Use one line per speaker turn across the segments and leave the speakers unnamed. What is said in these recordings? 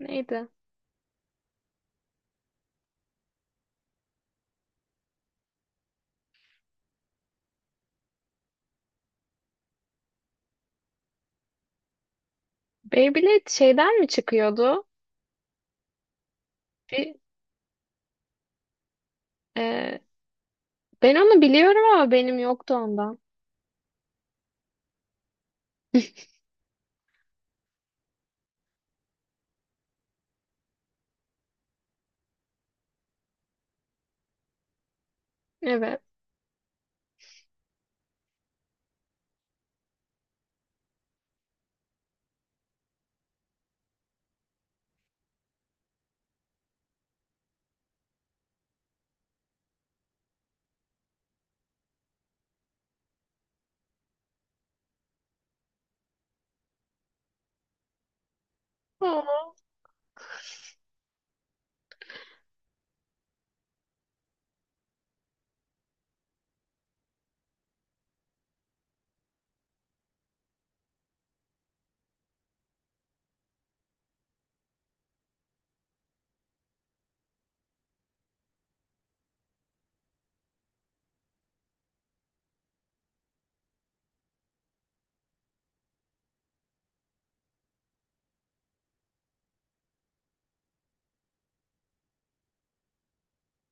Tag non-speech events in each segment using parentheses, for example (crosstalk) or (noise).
Neydi? Beyblade şeyden mi çıkıyordu? Bir, e, ben onu biliyorum ama benim yoktu ondan. Evet. Aa.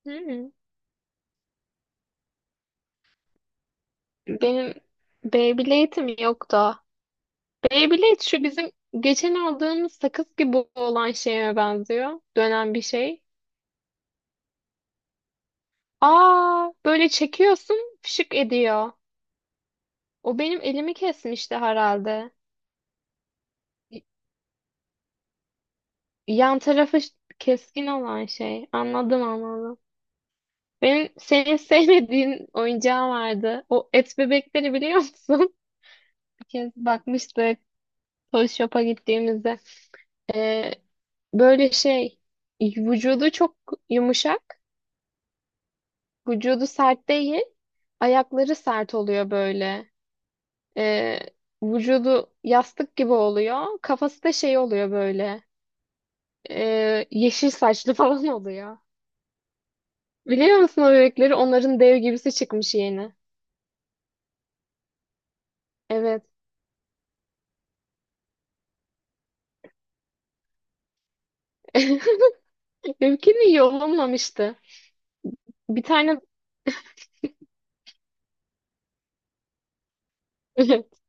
Hı-hı. Benim Beyblade'im yoktu. Beyblade şu bizim geçen aldığımız sakız gibi olan şeye benziyor. Dönen bir şey. Aa, böyle çekiyorsun, fışık ediyor. O benim elimi kesmişti herhalde. Y- Yan tarafı keskin olan şey. Anladım anladım. Benim senin sevmediğin oyuncağım vardı. O et bebekleri biliyor musun? (laughs) Bir kez bakmıştık Toy Shop'a gittiğimizde. Ee, böyle şey vücudu çok yumuşak. Vücudu sert değil. Ayakları sert oluyor böyle. Ee, vücudu yastık gibi oluyor. Kafası da şey oluyor böyle. Yeşil saçlı (laughs) falan oluyor. Biliyor musun o bebekleri? Onların dev gibisi çıkmış yeni. Evet. (laughs) Benimkini iyi olamamıştı. Bir tane. (laughs)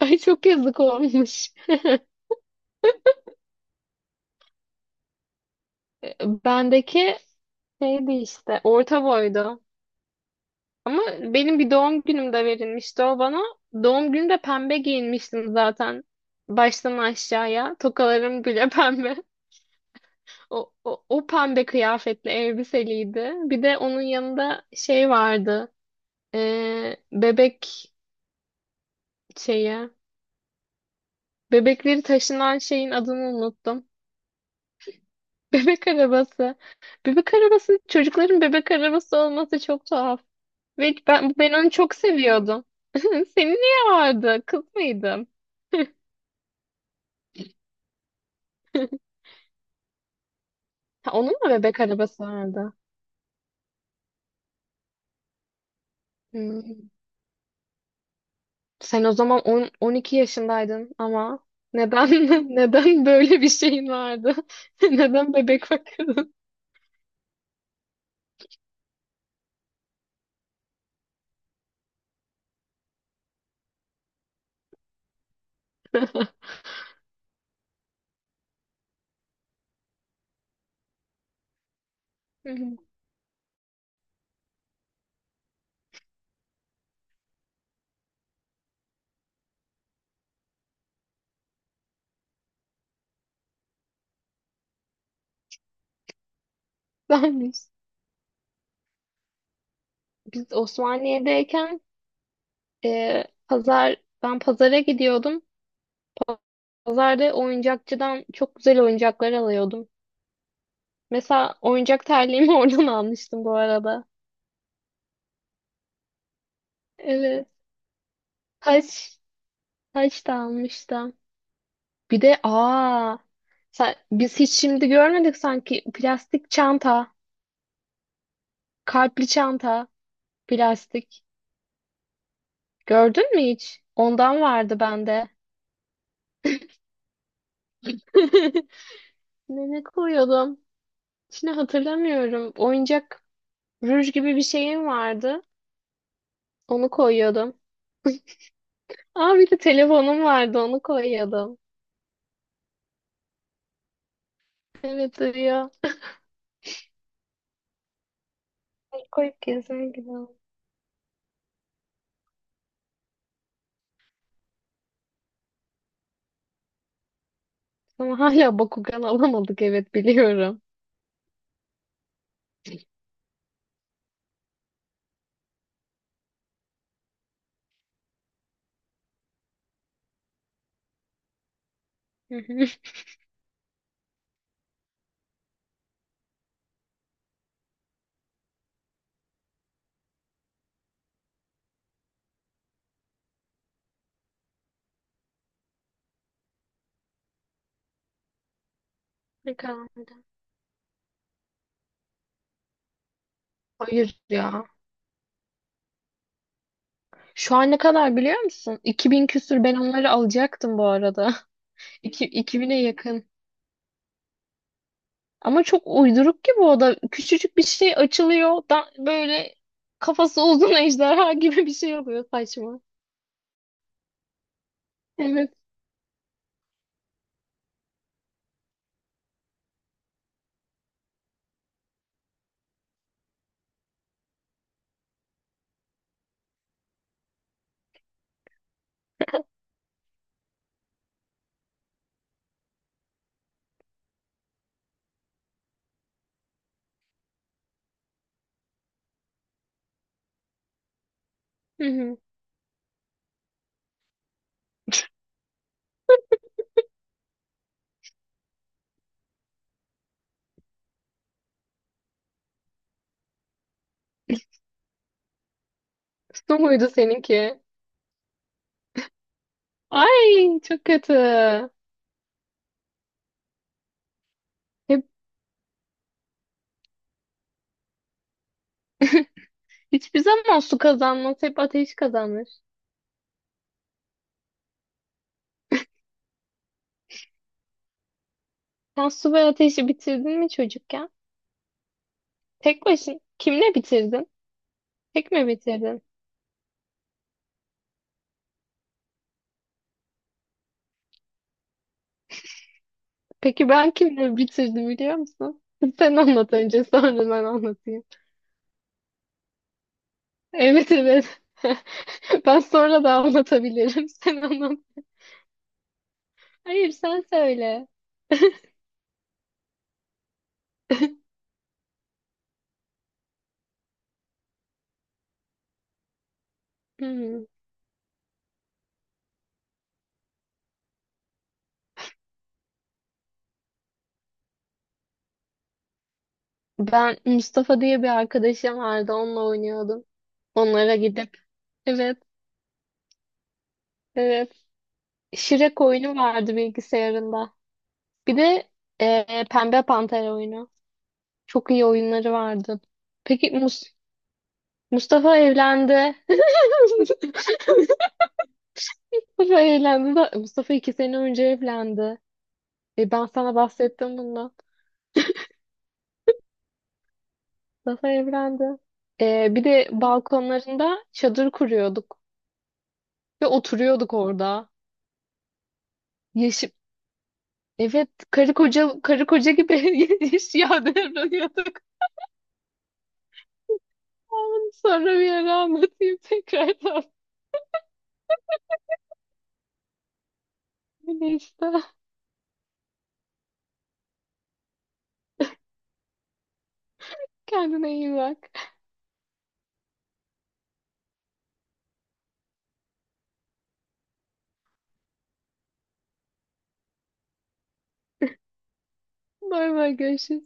Ay çok yazık olmuş. Bendeki şeydi işte orta boydu. Ama benim bir doğum günümde verilmişti o bana. Doğum günümde pembe giyinmiştim zaten. Baştan aşağıya. Tokalarım bile (laughs) pembe. O pembe kıyafetli elbiseliydi. Bir de onun yanında şey vardı. Bebek şeyi. Bebekleri taşınan şeyin adını unuttum. Bebek arabası. Bebek arabası, çocukların bebek arabası olması çok tuhaf. Ve ben onu çok seviyordum. (laughs) Senin niye vardı? Kız mıydın? Ha, onun mu bebek arabası vardı? Hmm. Sen o zaman on on iki yaşındaydın ama neden (laughs) neden böyle bir şeyin vardı? (laughs) Neden bebek bakıyordun? (laughs) Biz Osmaniye'deyken e, pazar ben pazara gidiyordum. Pazarda oyuncakçıdan çok güzel oyuncaklar alıyordum. Mesela oyuncak terliğimi (laughs) oradan almıştım bu arada. Evet. Taş, taş da almıştım. Bir de biz hiç şimdi görmedik sanki plastik çanta, kalpli çanta, plastik. Gördün mü hiç? Ondan vardı bende. (laughs) Ne koyuyordum? Şimdi hatırlamıyorum. Oyuncak ruj gibi bir şeyim vardı. Onu koyuyordum. Aa, bir de telefonum vardı, onu koyuyordum. Evet ya. Koyup gezen gibi oldu. Ama hala Bakugan alamadık, evet biliyorum. Hı hı. Ne kadar? Hayır ya. Şu an ne kadar biliyor musun? 2000 küsür ben onları alacaktım bu arada. (laughs) 2000'e yakın. Ama çok uyduruk ki bu da. Küçücük bir şey açılıyor. Da böyle kafası uzun ejderha gibi bir şey oluyor, saçma. Evet. Hı hı. Su muydu seninki? Ay çok kötü. Hep Hiçbir zaman su kazanmaz. Hep ateş kazanır. Sen su ve ateşi bitirdin mi çocukken? Tek başına. Kimle bitirdin? Tek mi bitirdin? Peki ben kimle bitirdim biliyor musun? (laughs) Sen anlat önce, sonra ben anlatayım. Evet, evet. (laughs) Ben sonra da anlatabilirim. (laughs) Sen anlat. Hayır, sen söyle. Hmm. Ben Mustafa diye bir arkadaşım vardı. Onunla oynuyordum. Onlara gidip. Evet, evet. Şirek oyunu vardı bilgisayarında. Bir de Pembe Panter oyunu. Çok iyi oyunları vardı. Peki Mustafa evlendi. (laughs) Mustafa evlendi. Mustafa iki sene önce evlendi. Ben sana bahsettim bundan. Mustafa evlendi. Bir de balkonlarında çadır kuruyorduk ve oturuyorduk orada. Yaşı evet, karı koca karı koca gibi (laughs) yaşıyor davranıyorduk. Ama sonra bir ara anlatayım tekrardan. (laughs) Neyse, kendine iyi bak. Bay bay, görüşürüz.